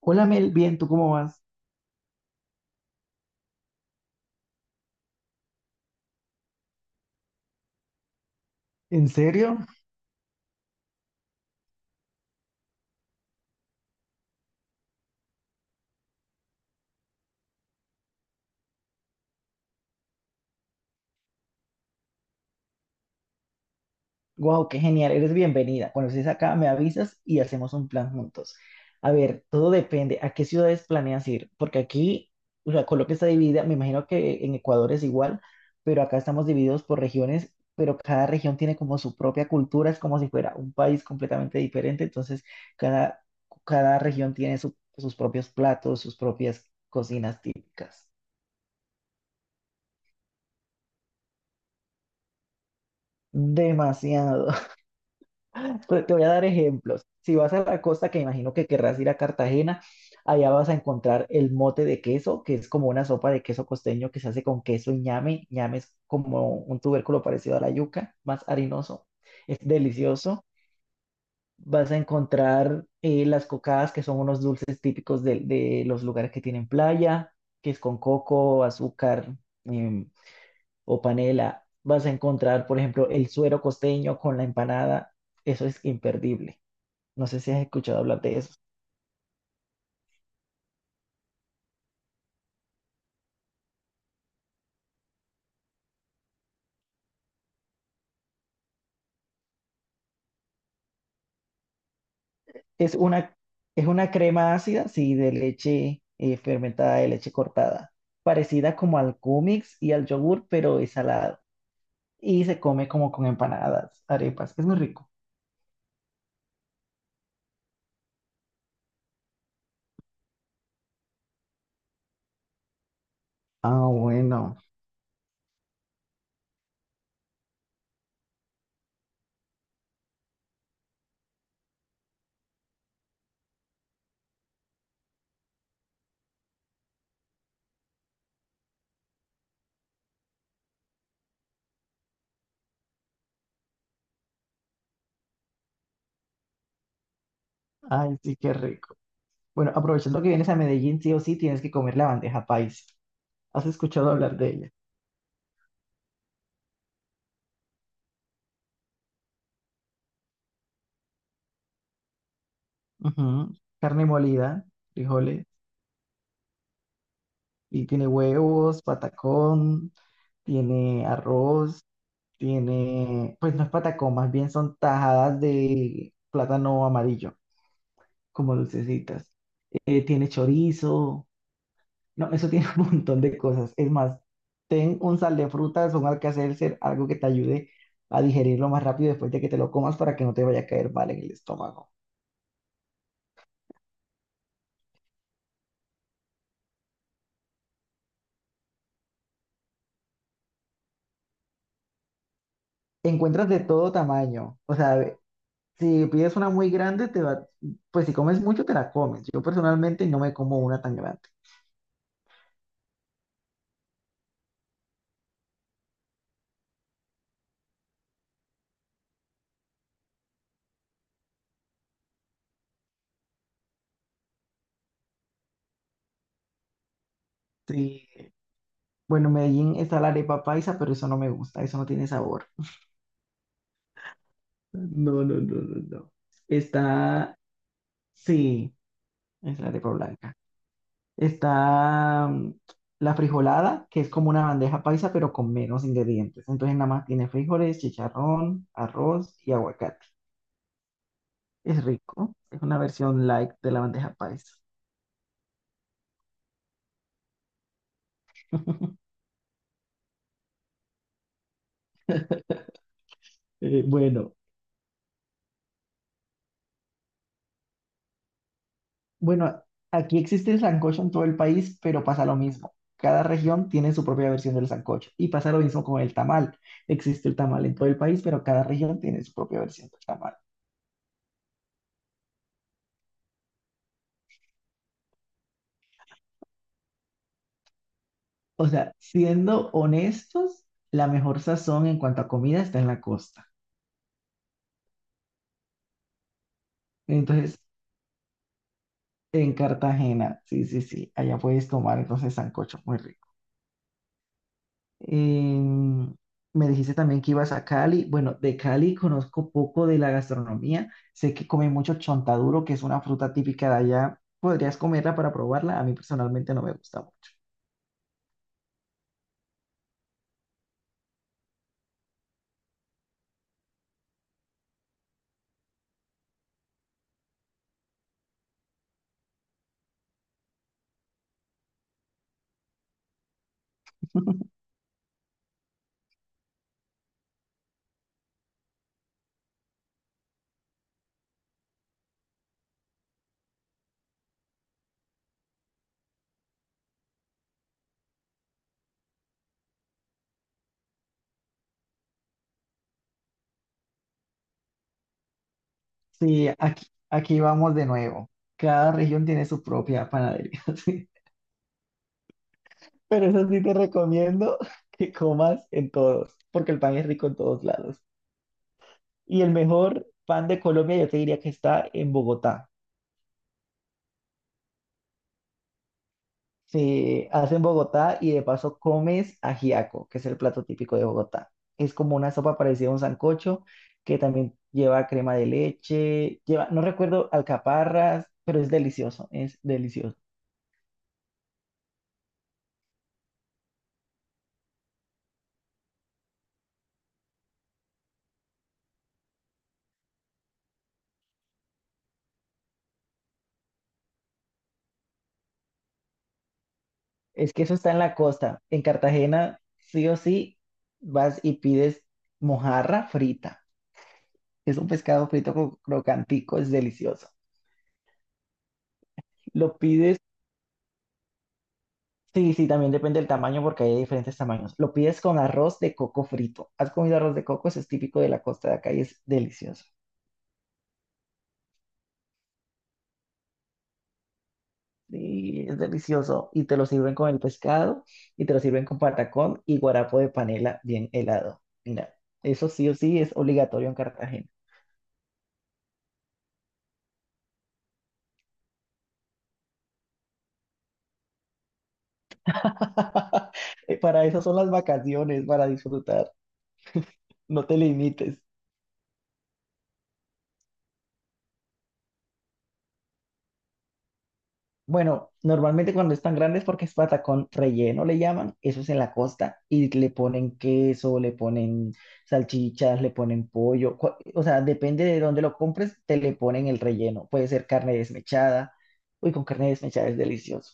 Hola Mel, bien, ¿tú cómo vas? ¿En serio? Wow, qué genial, eres bienvenida. Cuando estés acá, me avisas y hacemos un plan juntos. A ver, todo depende a qué ciudades planeas ir, porque aquí, o sea, Colombia está dividida, me imagino que en Ecuador es igual, pero acá estamos divididos por regiones, pero cada región tiene como su propia cultura, es como si fuera un país completamente diferente, entonces cada, cada región tiene sus propios platos, sus propias cocinas típicas. Demasiado. Te voy a dar ejemplos. Si vas a la costa, que imagino que querrás ir a Cartagena, allá vas a encontrar el mote de queso, que es como una sopa de queso costeño que se hace con queso y ñame. Ñame es como un tubérculo parecido a la yuca, más harinoso. Es delicioso. Vas a encontrar las cocadas, que son unos dulces típicos de los lugares que tienen playa, que es con coco, azúcar em, o panela. Vas a encontrar, por ejemplo, el suero costeño con la empanada. Eso es imperdible. No sé si has escuchado hablar de eso. Es una, es una crema ácida, sí, de leche fermentada, de leche cortada, parecida como al cúmix y al yogur, pero es salado. Y se come como con empanadas, arepas. Es muy rico. Ah, bueno. Ay, sí, qué rico. Bueno, aprovechando que vienes a Medellín, sí o sí, tienes que comer la bandeja paisa. ¿Has escuchado hablar de ella? Ujú. Carne molida, frijoles, y tiene huevos, patacón, tiene arroz. Tiene, pues no es patacón, más bien son tajadas de plátano amarillo, como dulcecitas. Tiene chorizo, no, eso tiene un montón de cosas. Es más, ten un sal de frutas, un alcacelcer, algo que te ayude a digerirlo más rápido después de que te lo comas para que no te vaya a caer mal en el estómago. Encuentras de todo tamaño, o sea, si pides una muy grande, te va, pues si comes mucho, te la comes. Yo personalmente no me como una tan grande. Sí, bueno, en Medellín está la arepa paisa, pero eso no me gusta, eso no tiene sabor. No, no, no, no, no. Está, sí, es la arepa blanca. Está mm, la frijolada, que es como una bandeja paisa, pero con menos ingredientes. Entonces nada más tiene frijoles, chicharrón, arroz y aguacate. Es rico, es una versión light de la bandeja paisa. Bueno. Bueno, aquí existe el sancocho en todo el país, pero pasa lo mismo. Cada región tiene su propia versión del sancocho y pasa lo mismo con el tamal. Existe el tamal en todo el país, pero cada región tiene su propia versión del tamal. O sea, siendo honestos, la mejor sazón en cuanto a comida está en la costa. Entonces, en Cartagena, sí, sí, sí, allá puedes tomar entonces sancocho, muy rico. Em, me dijiste también que ibas a Cali. Bueno, de Cali conozco poco de la gastronomía. Sé que comen mucho chontaduro, que es una fruta típica de allá. ¿Podrías comerla para probarla? A mí personalmente no me gusta mucho. Sí, aquí vamos de nuevo. Cada región tiene su propia panadería. Sí. Pero eso sí te recomiendo que comas en todos, porque el pan es rico en todos lados. Y el mejor pan de Colombia yo te diría que está en Bogotá. Se hace en Bogotá y de paso comes ajiaco, que es el plato típico de Bogotá. Es como una sopa parecida a un sancocho que también lleva crema de leche, lleva, no recuerdo, alcaparras, pero es delicioso, es delicioso. Es que eso está en la costa. En Cartagena, sí o sí, vas y pides mojarra frita. Es un pescado frito crocantico, es delicioso. Lo pides sí, sí, también depende del tamaño porque hay de diferentes tamaños. Lo pides con arroz de coco frito. ¿Has comido arroz de coco? Eso es típico de la costa de acá y es delicioso. Sí, es delicioso. Y te lo sirven con el pescado y te lo sirven con patacón y guarapo de panela bien helado. Mira, eso sí o sí es obligatorio en Cartagena. Para eso son las vacaciones, para disfrutar. No te limites. Bueno, normalmente cuando están grandes porque es patacón relleno, le llaman, eso es en la costa, y le ponen queso, le ponen salchichas, le ponen pollo, o sea, depende de dónde lo compres, te le ponen el relleno, puede ser carne desmechada, uy, con carne desmechada es delicioso.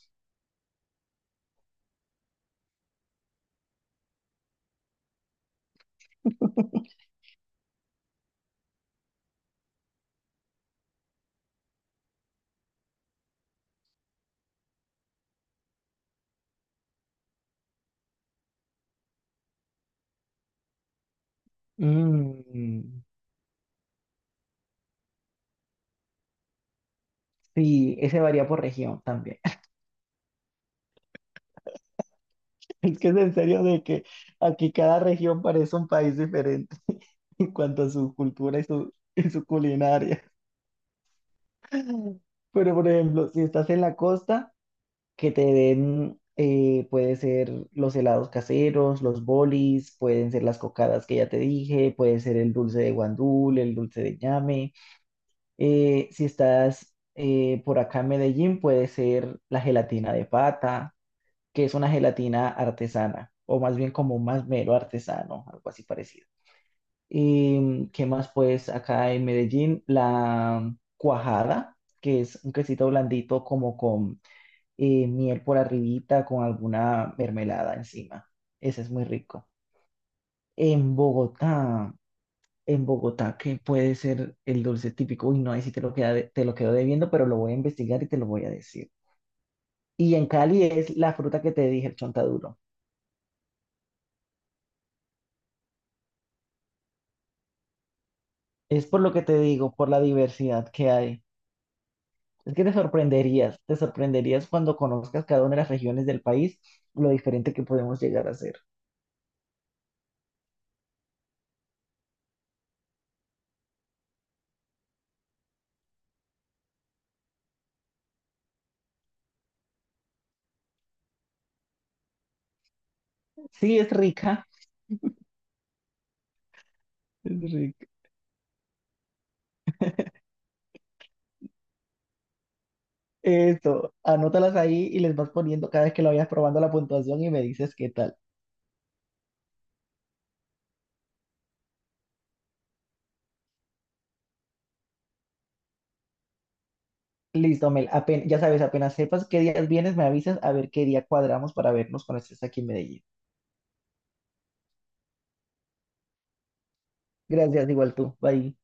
Mm, sí, ese varía por región también. Es que es en serio de que aquí cada región parece un país diferente en cuanto a su cultura y y su culinaria. Pero, por ejemplo, si estás en la costa, que te den, puede ser los helados caseros, los bolis, pueden ser las cocadas que ya te dije, puede ser el dulce de guandul, el dulce de ñame. Si estás por acá en Medellín, puede ser la gelatina de pata, que es una gelatina artesana, o más bien como un masmero artesano, algo así parecido. Y qué más, pues acá en Medellín, la cuajada, que es un quesito blandito como con miel por arribita, con alguna mermelada encima. Ese es muy rico. En Bogotá, en Bogotá, ¿qué puede ser el dulce típico? Uy, no, ahí sí te lo quedo debiendo, pero lo voy a investigar y te lo voy a decir. Y en Cali es la fruta que te dije, el chontaduro. Es por lo que te digo, por la diversidad que hay. Es que te sorprenderías cuando conozcas cada una de las regiones del país, lo diferente que podemos llegar a ser. Sí, es rica, es rica. Esto, anótalas ahí y les vas poniendo cada vez que lo vayas probando la puntuación y me dices qué tal. Listo, Mel, ya sabes, apenas sepas qué días vienes, me avisas a ver qué día cuadramos para vernos cuando estés aquí en Medellín. Gracias, igual tú. Bye.